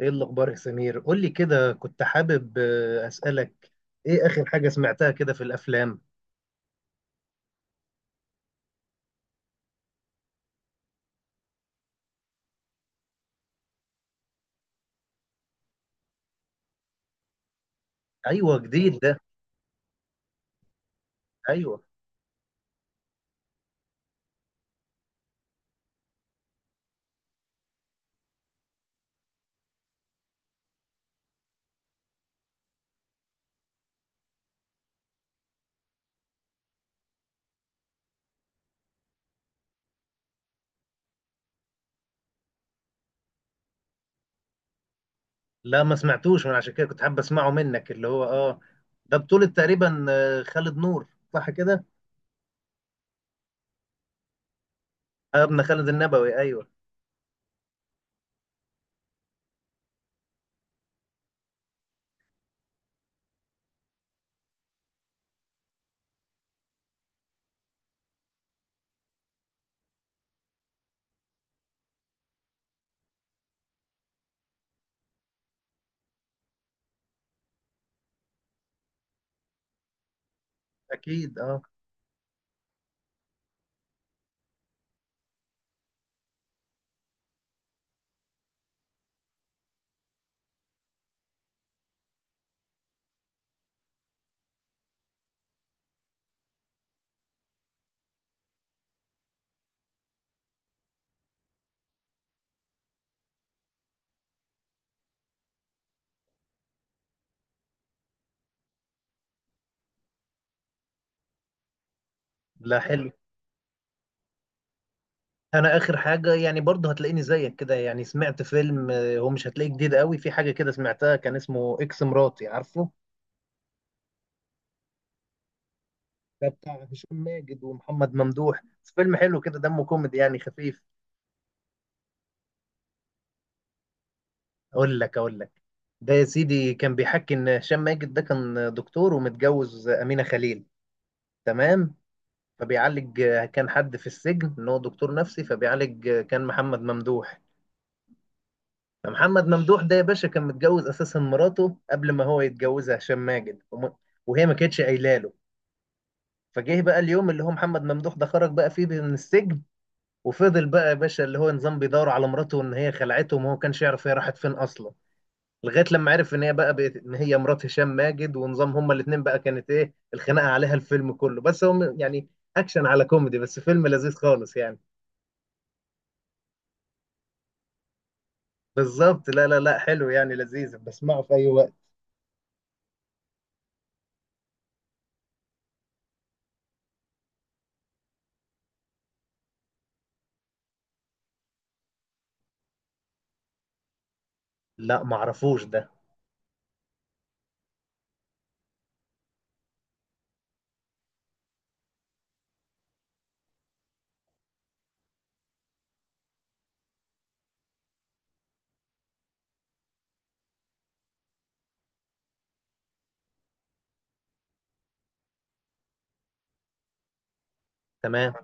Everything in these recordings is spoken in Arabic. ايه الاخبار يا سمير؟ قول لي كده، كنت حابب اسالك ايه اخر حاجه سمعتها كده في الافلام؟ ايوه، جديد ده؟ ايوه. لا ما سمعتوش، من عشان كده كنت حابب اسمعه منك. اللي هو ده بطولة تقريبا خالد نور، صح كده؟ آه، ابن خالد النبوي ايوه. اكيد اه. لا، حلو. انا اخر حاجه يعني برضه هتلاقيني زيك كده، يعني سمعت فيلم، هو مش هتلاقيه جديد قوي، في حاجه كده سمعتها كان اسمه اكس مراتي، عارفه؟ ده بتاع هشام ماجد ومحمد ممدوح. فيلم حلو كده، دمه كوميدي يعني خفيف. اقول لك. ده يا سيدي كان بيحكي ان هشام ماجد ده كان دكتور ومتجوز امينه خليل، تمام؟ فبيعالج كان حد في السجن، ان هو دكتور نفسي فبيعالج كان محمد ممدوح. فمحمد ممدوح ده يا باشا كان متجوز اساسا مراته قبل ما هو يتجوزها هشام ماجد وهي ما كانتش قايله له. فجه بقى اليوم اللي هو محمد ممدوح ده خرج بقى فيه من السجن، وفضل بقى يا باشا اللي هو نظام بيدور على مراته، ان هي خلعته وما هو كانش يعرف هي راحت فين اصلا، لغايه لما عرف ان هي بقى بقت ان هي مرات هشام ماجد، ونظام هما الاثنين بقى كانت ايه الخناقه عليها الفيلم كله، بس هم يعني اكشن على كوميدي، بس فيلم لذيذ خالص يعني. بالظبط. لا لا لا، حلو يعني، لذيذ بسمعه في اي وقت. لا ما اعرفوش ده. تمام.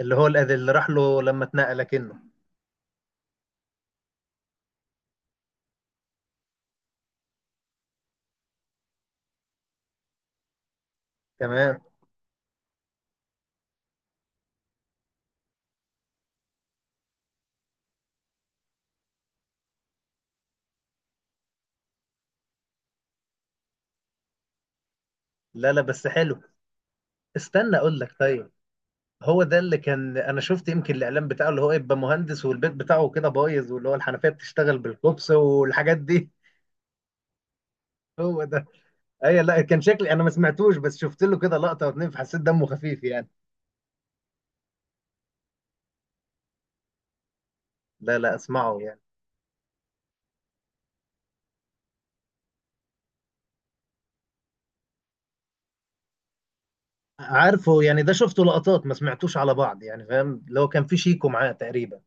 اللي راح له لما اتنقل كنه. تمام. لا لا، بس حلو، استنى اقول لك، طيب. هو ده اللي كان انا شفت يمكن الاعلان بتاعه، اللي هو يبقى مهندس والبيت بتاعه كده بايظ، واللي هو الحنفيه بتشتغل بالكوبس والحاجات دي. هو ده. اي لا، كان شكلي انا ما سمعتوش، بس شفت له كده لقطه واتنين فحسيت دمه خفيف يعني. لا لا، اسمعه يعني. عارفه يعني، ده شفته لقطات ما سمعتوش على بعض، يعني فاهم اللي هو كان في شيكو معاه تقريبا.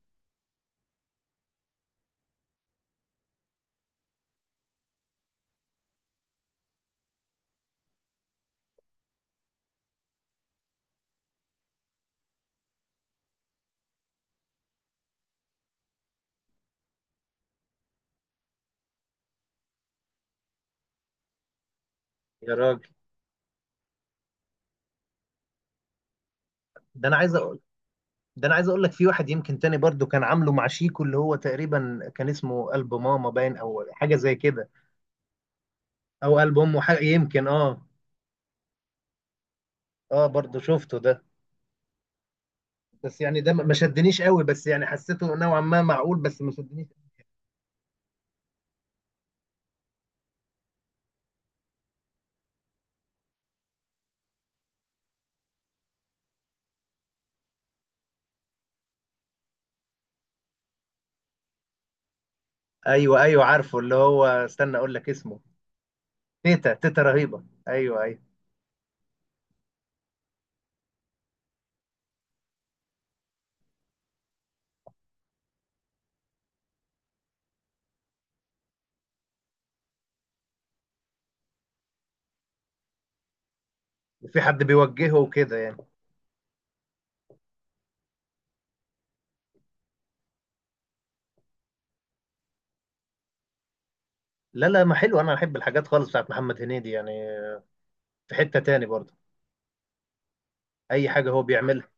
يا راجل. ده انا عايز اقول. ده انا عايز اقول لك في واحد يمكن تاني برضو كان عامله مع شيكو، اللي هو تقريبا كان اسمه قلب ماما باين او حاجه زي كده، او قلب امه حاجه يمكن. اه، اه برضو شفته ده. بس يعني ده ما شدنيش قوي، بس يعني حسيته نوعا ما معقول، بس ما شدنيش. ايوه ايوه، عارفه اللي هو، استنى اقول لك اسمه. تيتا رهيبه، ايوه ايوه. وفي حد بيوجهه وكده يعني. لا لا، ما حلو، انا بحب الحاجات خالص بتاعت محمد هنيدي يعني. في حته تاني برضه، اي حاجه هو بيعملها.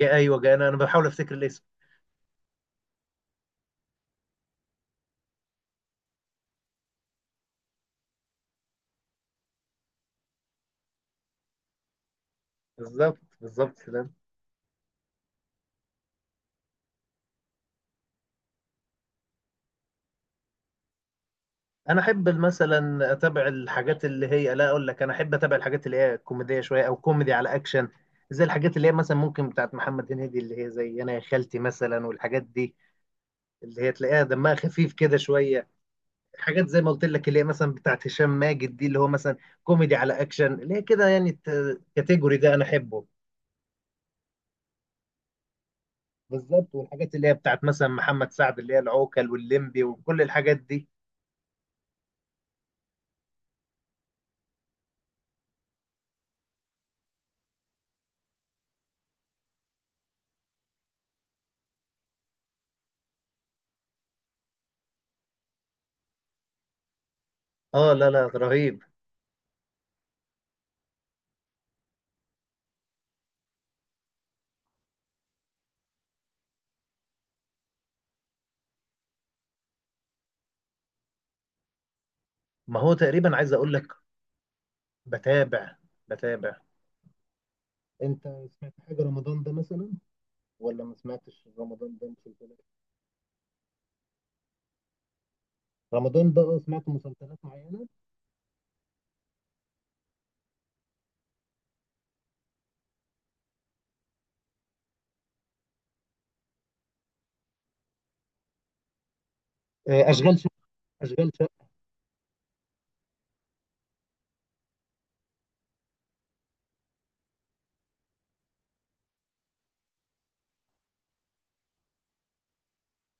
جاء، ايوه جاء، انا بحاول افتكر الاسم. بالظبط بالظبط كده. انا احب مثلا اتابع الحاجات اللي هي، لا اقول لك، انا احب اتابع الحاجات اللي هي كوميديه شويه او كوميدي على اكشن. زي الحاجات اللي هي مثلا ممكن بتاعت محمد هنيدي اللي هي زي انا يا خالتي مثلا والحاجات دي، اللي هي تلاقيها دمها خفيف كده شويه. حاجات زي ما قلت لك اللي هي مثلا بتاعت هشام ماجد دي، اللي هو مثلا كوميدي على اكشن، اللي هي كده يعني الكاتيجوري ده انا احبه. بالظبط. والحاجات اللي هي بتاعت مثلا محمد سعد، اللي هي العوكل واللمبي وكل الحاجات دي. اه لا لا، رهيب. ما هو تقريبا عايز اقول لك. بتابع. بتابع. انت سمعت حاجة رمضان ده مثلا، ولا ما سمعتش؟ رمضان ده مسلسلات؟ رمضان ده سمعت مسلسلات معينة. اشغال شقة. اشغال شقة.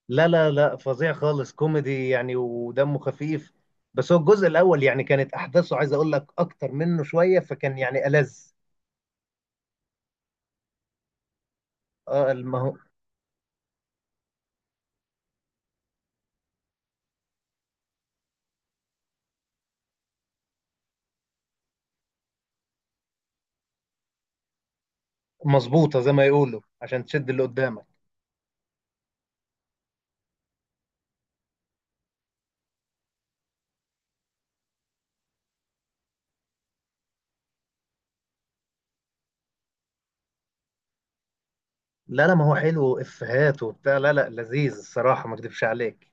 لا لا لا، فظيع خالص كوميدي يعني، ودمه خفيف. بس هو الجزء الاول يعني كانت احداثه عايز اقول لك اكتر منه شويه، فكان يعني ألذ. اه مظبوطه زي ما يقولوا عشان تشد اللي قدامك. لا لا، ما هو حلو افهات وبتاع، لا لا لذيذ الصراحه ما اكدبش عليك.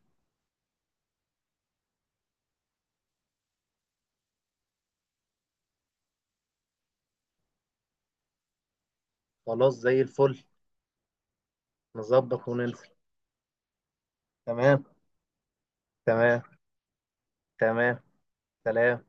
خلاص، زي الفل، نظبط وننزل. تمام. تمام. تمام. سلام.